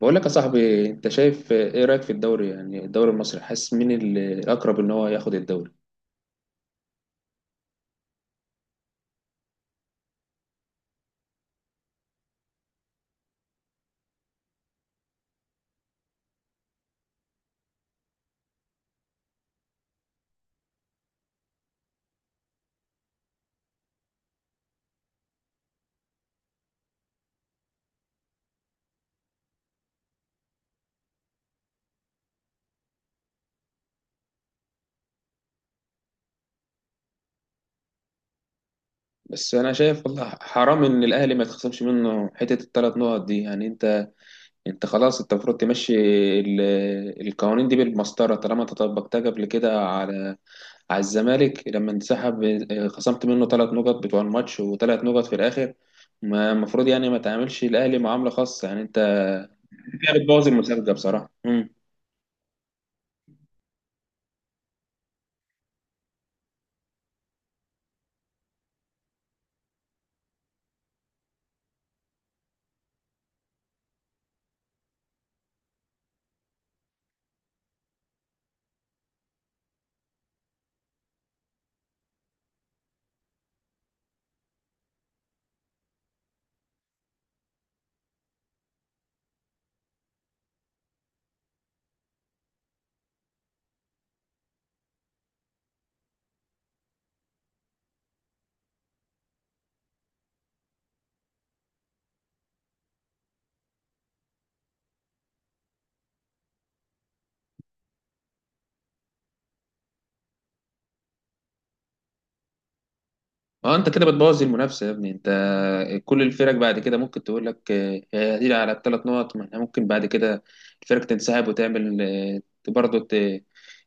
بقول لك يا صاحبي، انت شايف ايه رايك في الدوري؟ يعني الدوري المصري حاسس مين الاقرب ان هو ياخد الدوري؟ بس انا شايف والله حرام ان الاهلي ما يتخصمش منه حته الثلاث نقط دي. يعني انت خلاص، انت المفروض تمشي القوانين دي بالمسطره. طالما انت طبقتها قبل كده على على الزمالك لما انسحب، اه، خصمت منه ثلاث نقط بتوع الماتش وثلاث نقط في الاخر. ما المفروض يعني ما تعاملش الاهلي معامله خاصه. يعني انت كده بتبوظ المسابقه بصراحه. اه انت كده بتبوظ المنافسه يا ابني. انت كل الفرق بعد كده ممكن تقول لك آه، هي على الثلاث نقط، ما احنا ممكن بعد كده الفرق تنسحب وتعمل آه، برضه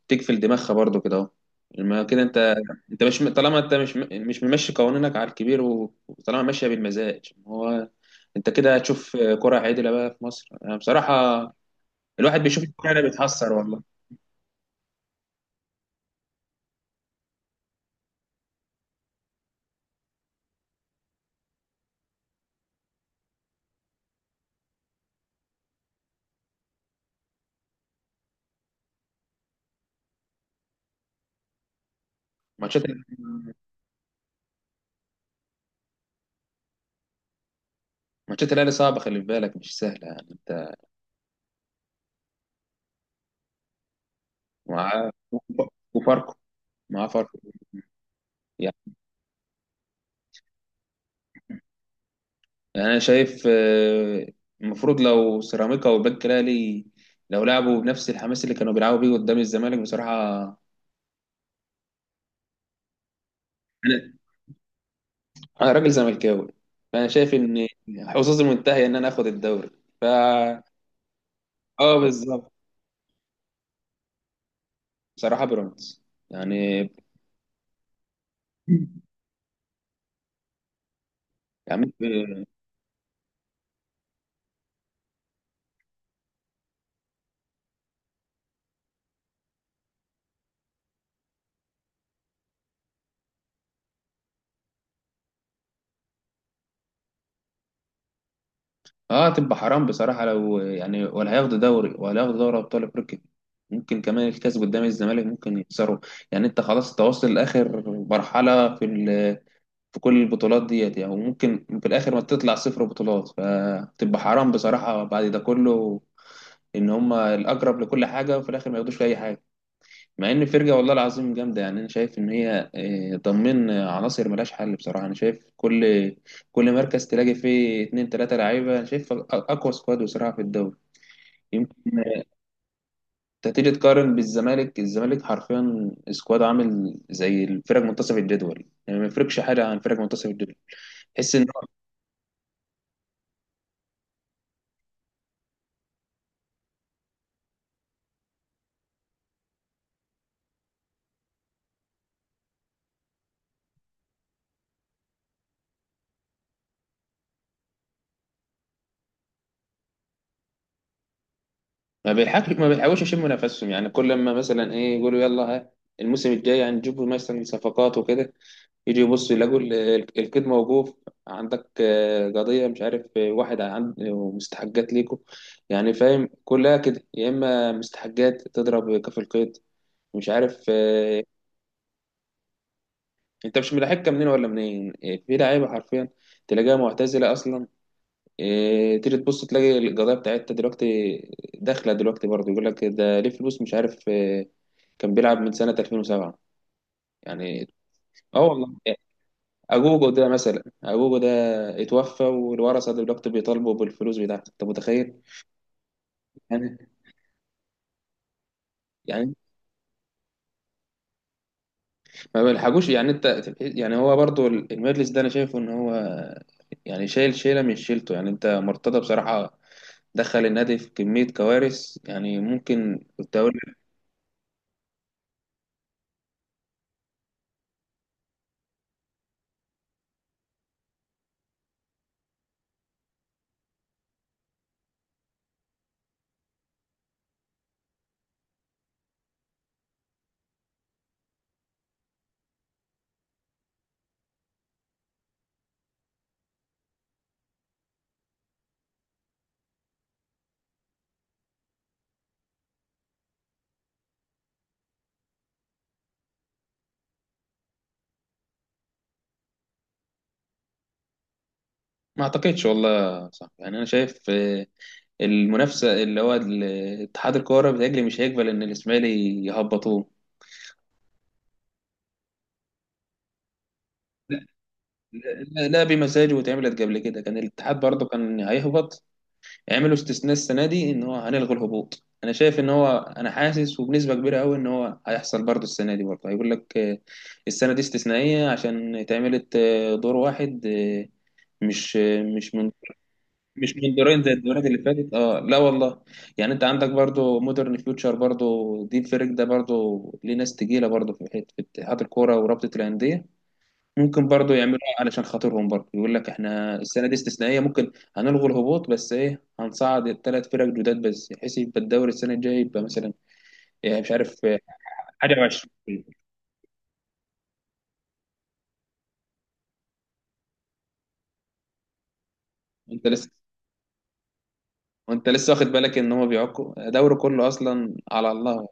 تقفل دماغها برضه كده اهو. لما كده انت، انت مش طالما انت مش ممشي قوانينك على الكبير وطالما ماشيه بالمزاج. هو انت كده هتشوف كره عادله بقى في مصر؟ انا بصراحه الواحد بيشوف الكوره بيتحسر والله. ماتشات ماتشات الاهلي صعبه، خلي بالك مش سهله يعني. انت مع وفاركو، مع فرق يعني. انا شايف آه، المفروض لو سيراميكا والبنك الاهلي لو لعبوا بنفس الحماس اللي كانوا بيلعبوا بيه قدام الزمالك بصراحه. انا انا راجل زملكاوي، فانا شايف ان حظوظي منتهيه ان انا اخد الدوري. ف اه بالظبط، بصراحه بيراميدز يعني. يعني اه تبقى حرام بصراحه لو يعني ولا هياخدوا دوري ولا هياخدوا دوري ابطال افريقيا. ممكن كمان الكاس قدام الزمالك ممكن يخسروا. يعني انت خلاص تواصل لاخر مرحله في في كل البطولات ديت يعني، وممكن في الاخر ما تطلع صفر بطولات، فتبقى حرام بصراحه بعد ده كله ان هم الاقرب لكل حاجه وفي الاخر ما ياخدوش في اي حاجه. مع ان الفرقه والله العظيم جامده، يعني انا شايف ان هي آه، ضمن عناصر ملهاش حل بصراحه. انا شايف كل مركز تلاقي فيه اتنين تلاته لعيبه. انا شايف اقوى سكواد بصراحه في الدوري. يمكن انت تيجي تقارن بالزمالك، الزمالك حرفيا سكواد عامل زي الفرق منتصف الجدول، يعني ما يفرقش حاجه عن فرق منتصف الجدول. تحس ان ما بيلحقش، ما بيلحقوش يشموا نفسهم يعني. كل ما مثلا ايه يقولوا يلا ها الموسم الجاي هنجيب مثلا صفقات وكده، يجي يبص يلاقوا القيد موقوف. عندك آه، قضية مش عارف آه، واحد عند مستحقات ليكم يعني. فاهم كلها كده، يا اما مستحقات تضرب كف القيد مش عارف آه، انت مش ملاحقها منين ولا منين آه، في لعيبة حرفيا تلاقيها معتزلة اصلا. آه، تيجي تبص تلاقي القضية بتاعتها دلوقتي داخلة دلوقتي برضه، يقول لك ده ليه فلوس مش عارف آه، كان بيلعب من سنة 2007 يعني. اه والله، اجوجو ده مثلا، اجوجو ده اتوفى والورثة دلوقتي بيطالبوا بالفلوس بتاعته، انت متخيل؟ يعني، يعني ما بيلحقوش يعني. انت يعني هو برضو المجلس ده انا شايفه ان هو يعني شايل شيلة من شيلته يعني. انت مرتضى بصراحة دخل النادي في كمية كوارث، يعني ممكن كنت اقول ما اعتقدش والله صح. يعني انا شايف آه، المنافسة اللي هو اتحاد الكورة بتاجلي مش هيقبل ان الاسماعيلي يهبطوه. لا لا بمزاجه، واتعملت قبل كده، كان الاتحاد برضه كان هيهبط، عملوا استثناء السنه دي ان هو هنلغي الهبوط. انا شايف ان هو، انا حاسس وبنسبه كبيره قوي ان هو هيحصل برضه السنه دي. برضه هيقول لك آه، السنه دي استثنائيه عشان اتعملت آه، دور واحد آه، مش من مش من دورين زي الدورات اللي فاتت. اه لا والله. يعني انت عندك برضه مودرن فيوتشر برضه، دي الفريق ده برضه ليه ناس تقيله برضه في حته في اتحاد الكوره ورابطه الانديه. ممكن برضو يعملوها علشان خاطرهم، برضو يقول لك احنا السنه دي استثنائيه، ممكن هنلغي الهبوط بس ايه هنصعد الثلاث فرق جداد بس، بحيث يبقى الدوري السنه الجايه يبقى مثلا إيه مش عارف إيه، حاجه وعشرين. انت لسه، وانت لسه واخد بالك ان هو بيعكوا دوري كله اصلا على الله؟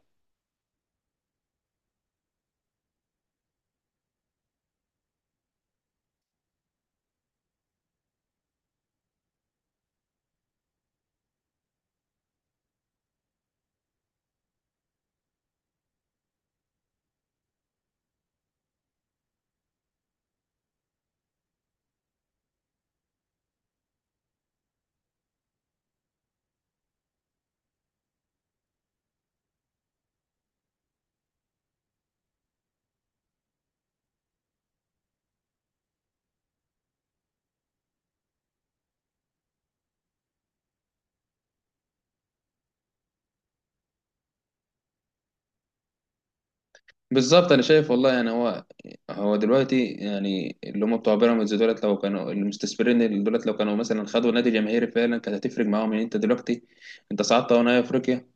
بالظبط انا شايف والله. يعني هو، هو دلوقتي يعني اللي هم بتوع بيراميدز دولت، لو كانوا المستثمرين دولت لو كانوا مثلا خدوا نادي جماهيري فعلا كانت هتفرق معاهم. يعني انت دلوقتي، انت صعدت اهو نهائي افريقيا،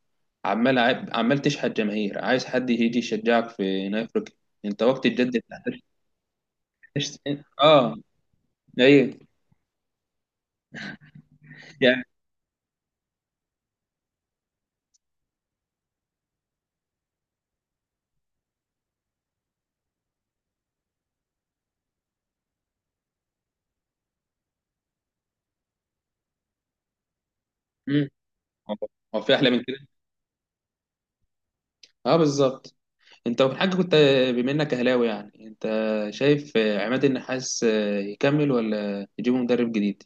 عمال عمال تشحت جماهير عايز حد يجي يشجعك في هنا افريقيا، انت وقت الجد بتاع. اه ايوه يعني. مم. هو، هو في احلى من كده؟ اه بالظبط. انت في حاجه كنت، بما انك اهلاوي يعني، انت شايف آه، عماد النحاس آه، يكمل ولا يجيبوا مدرب جديد؟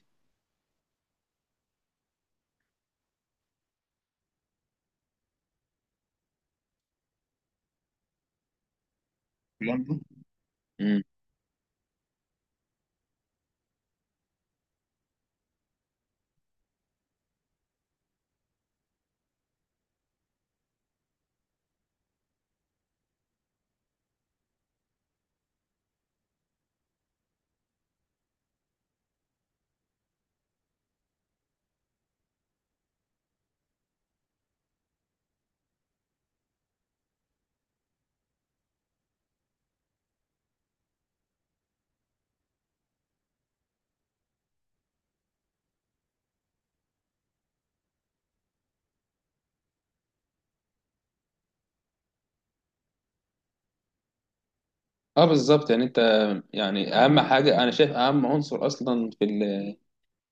برضه؟ مم. اه بالظبط يعني. انت يعني اهم حاجه، انا شايف اهم عنصر اصلا في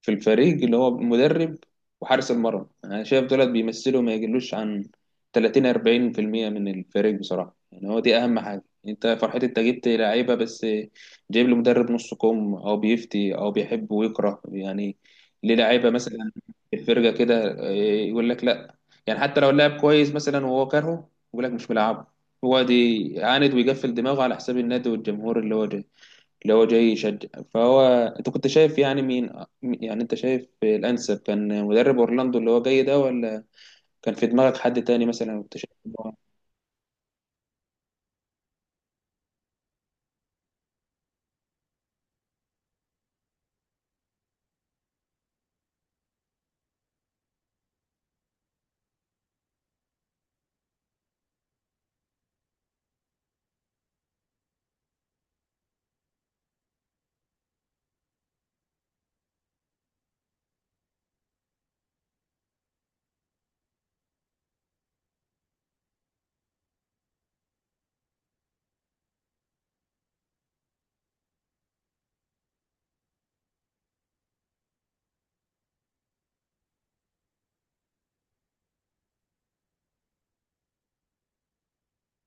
في الفريق اللي هو المدرب وحارس المرمى. انا شايف دولت بيمثلوا ما يقلوش عن 30 40% من الفريق بصراحه. يعني هو دي اهم حاجه، انت فرحتي انت جبت لعيبه بس جايب لي مدرب نص كم، او بيفتي او بيحب ويكره. يعني ليه لعيبه مثلا في الفرقه كده إيه، يقول لك لا. يعني حتى لو اللاعب كويس مثلا وهو كارهه يقول لك مش ملعبه. هو دي عاند ويقفل دماغه على حساب النادي والجمهور اللي هو جاي، اللي هو جاي يشجع. فهو انت كنت شايف يعني مين، يعني انت شايف الانسب كان مدرب اورلاندو اللي هو جاي ده ولا كان في دماغك حد تاني مثلا؟ كنت شايف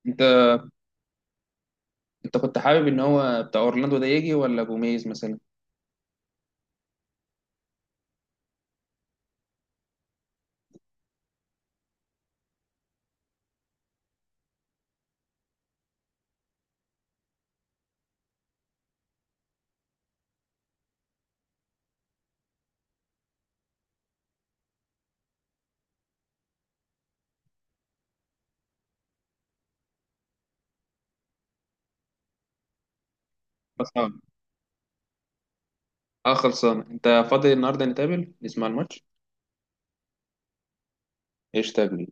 انت، انت كنت حابب ان هو بتاع اورلاندو ده يجي ولا جوميز مثلا؟ خلصان، اه خلصان. انت فاضي النهارده نتقابل نسمع الماتش؟ ايش تقول؟